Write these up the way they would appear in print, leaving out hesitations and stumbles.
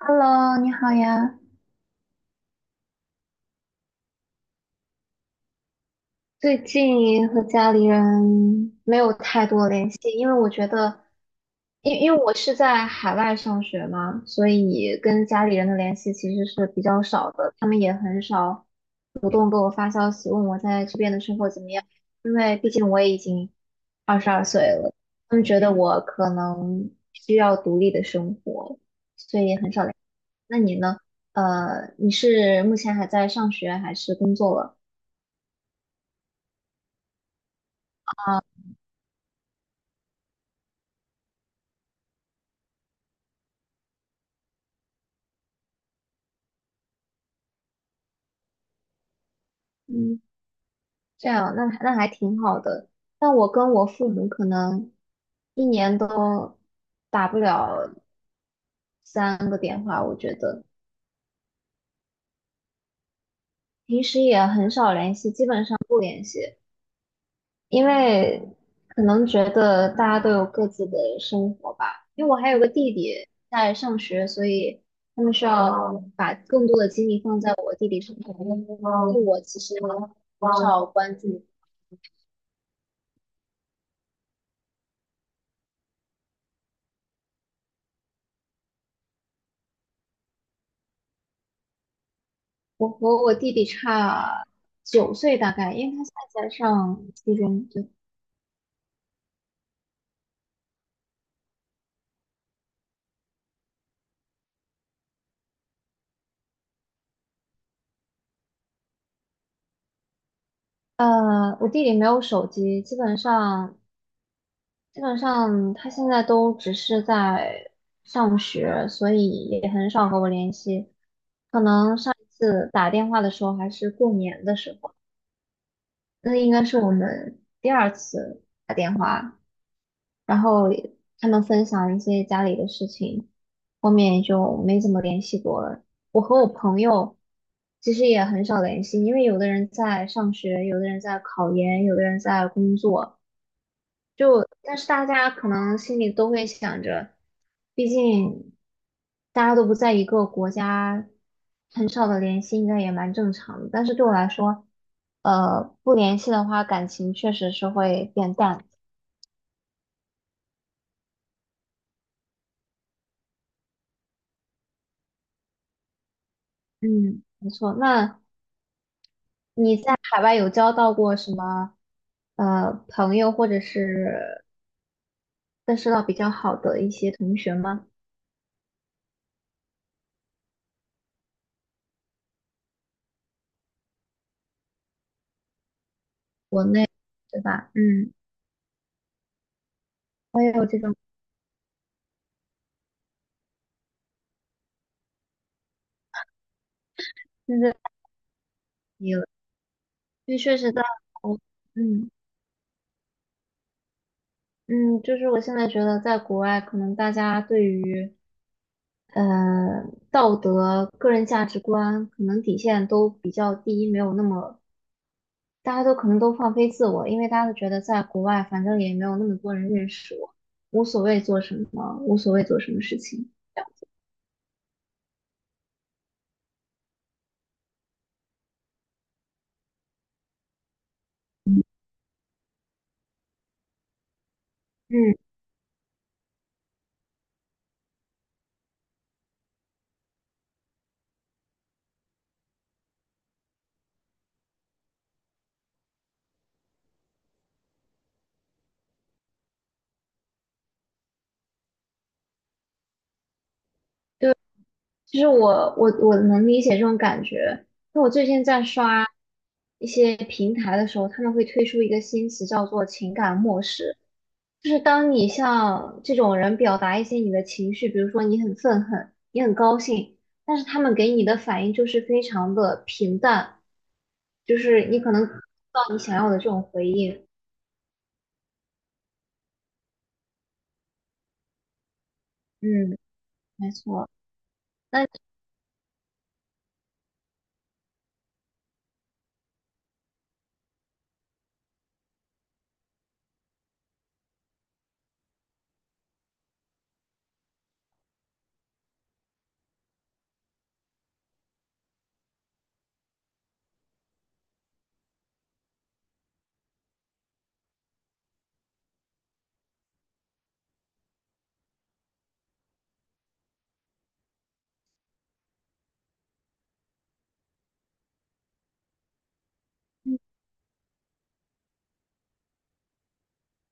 Hello，你好呀。最近和家里人没有太多联系，因为我觉得，因为我是在海外上学嘛，所以跟家里人的联系其实是比较少的，他们也很少主动给我发消息问我在这边的生活怎么样，因为毕竟我也已经22岁了，他们觉得我可能需要独立的生活，所以很少联系。那你呢？你是目前还在上学还是工作了？啊，嗯，这样，那还挺好的。但我跟我父母可能一年都打不了3个电话，我觉得平时也很少联系，基本上不联系，因为可能觉得大家都有各自的生活吧。因为我还有个弟弟在上学，所以他们需要把更多的精力放在我弟弟身上，因为我其实很少关注。我和我弟弟差9岁大概，因为他现在在上初中。对，我弟弟没有手机，基本上他现在都只是在上学，所以也很少和我联系。可能上一次打电话的时候还是过年的时候，那应该是我们第二次打电话，然后他们分享一些家里的事情，后面就没怎么联系过了。其实也很少联系，因为有的人在上学，有的人在考研，有的人在工作，就但是大家可能心里都会想着，毕竟大家都不在一个国家，很少的联系应该也蛮正常的。但是对我来说，不联系的话，感情确实是会变淡。嗯，没错。那你在海外有交到过什么朋友，或者是认识到比较好的一些同学吗？对吧？嗯，我也有这种现在也有，因为确实在我，嗯嗯，就是我现在觉得在国外，可能大家对于呃道德、个人价值观可能底线都比较低，没有那么大家都可能都放飞自我，因为大家都觉得在国外反正也没有那么多人认识我，无所谓做什么，无所谓做什么事情。嗯。其实我能理解这种感觉。那我最近在刷一些平台的时候，他们会推出一个新词叫做"情感漠视"，就是当你向这种人表达一些你的情绪，比如说你很愤恨，你很高兴，但是他们给你的反应就是非常的平淡，就是你可能得不到你想要的这种回应。嗯，没错。那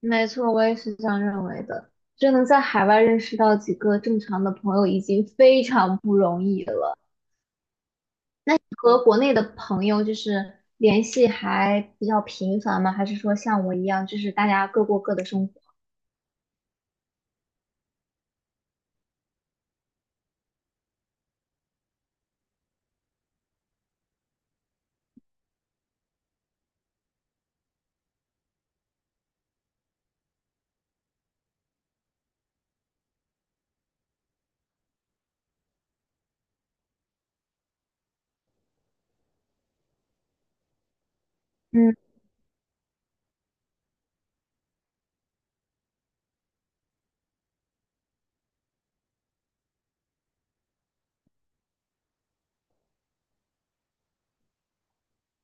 没错，我也是这样认为的。就能在海外认识到几个正常的朋友，已经非常不容易了。那你和国内的朋友就是联系还比较频繁吗？还是说像我一样，就是大家各过各的生活？嗯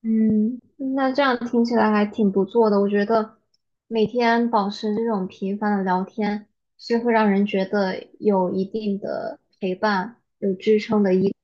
嗯，那这样听起来还挺不错的。我觉得每天保持这种频繁的聊天，是会让人觉得有一定的陪伴、有支撑的依。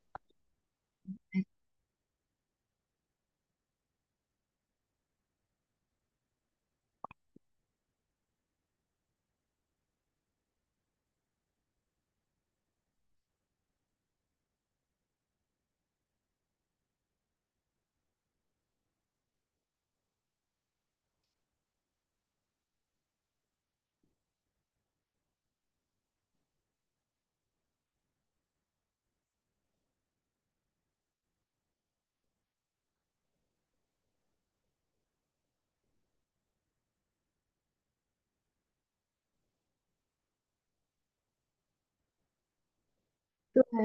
对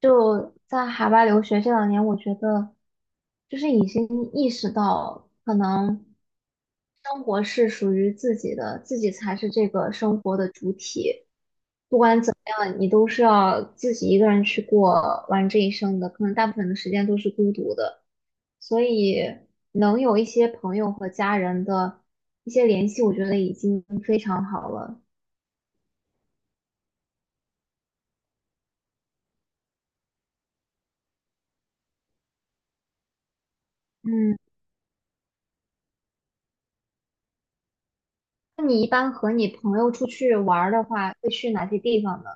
就在海外留学这2年，我觉得就是已经意识到，可能生活是属于自己的，自己才是这个生活的主体。不管怎么样，你都是要自己一个人去过完这一生的，可能大部分的时间都是孤独的。所以能有一些朋友和家人的一些联系，我觉得已经非常好了。嗯，那你一般和你朋友出去玩儿的话，会去哪些地方呢？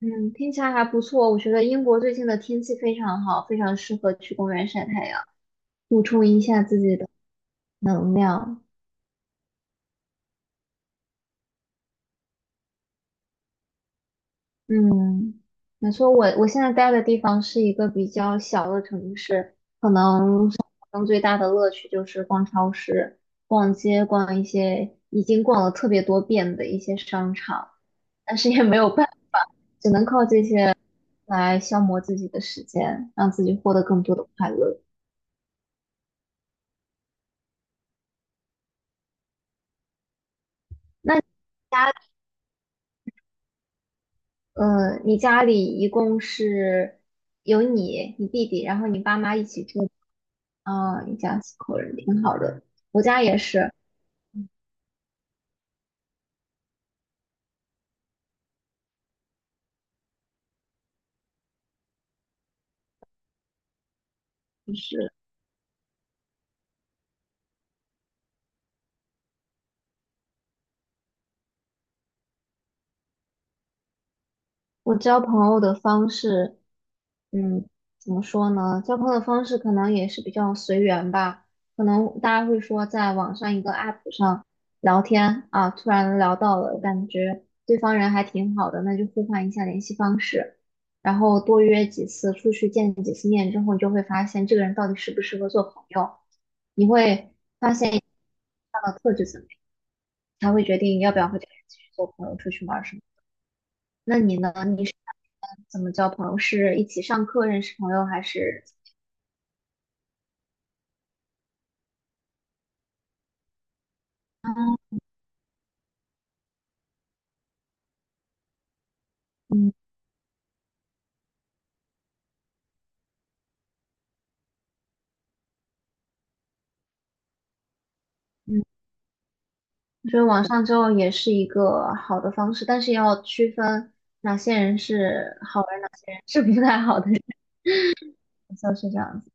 嗯，听起来还不错。我觉得英国最近的天气非常好，非常适合去公园晒太阳，补充一下自己的能量。嗯，没错，我现在待的地方是一个比较小的城市，可能生活中最大的乐趣就是逛超市、逛街、逛一些已经逛了特别多遍的一些商场，但是也没有办法，只能靠这些来消磨自己的时间，让自己获得更多的快乐。那家。你家里一共是有你、你弟弟，然后你爸妈一起住，啊、一家四口人，挺好的。我家也是，我交朋友的方式，嗯，怎么说呢？交朋友的方式可能也是比较随缘吧。可能大家会说，在网上一个 app 上聊天啊，突然聊到了，感觉对方人还挺好的，那就互换一下联系方式，然后多约几次出去见几次面之后，你就会发现这个人到底适不适合做朋友，你会发现他的特质怎么样，才会决定要不要和这个人继续做朋友，出去玩儿什么。那你呢？你？怎么交朋友？是一起上课认识朋友，还是嗯嗯？我觉得网上交友也是一个好的方式，但是要区分哪些人是好人，哪些人是不太好的人，就是这样子。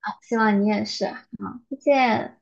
啊希望你也是啊。好，再见。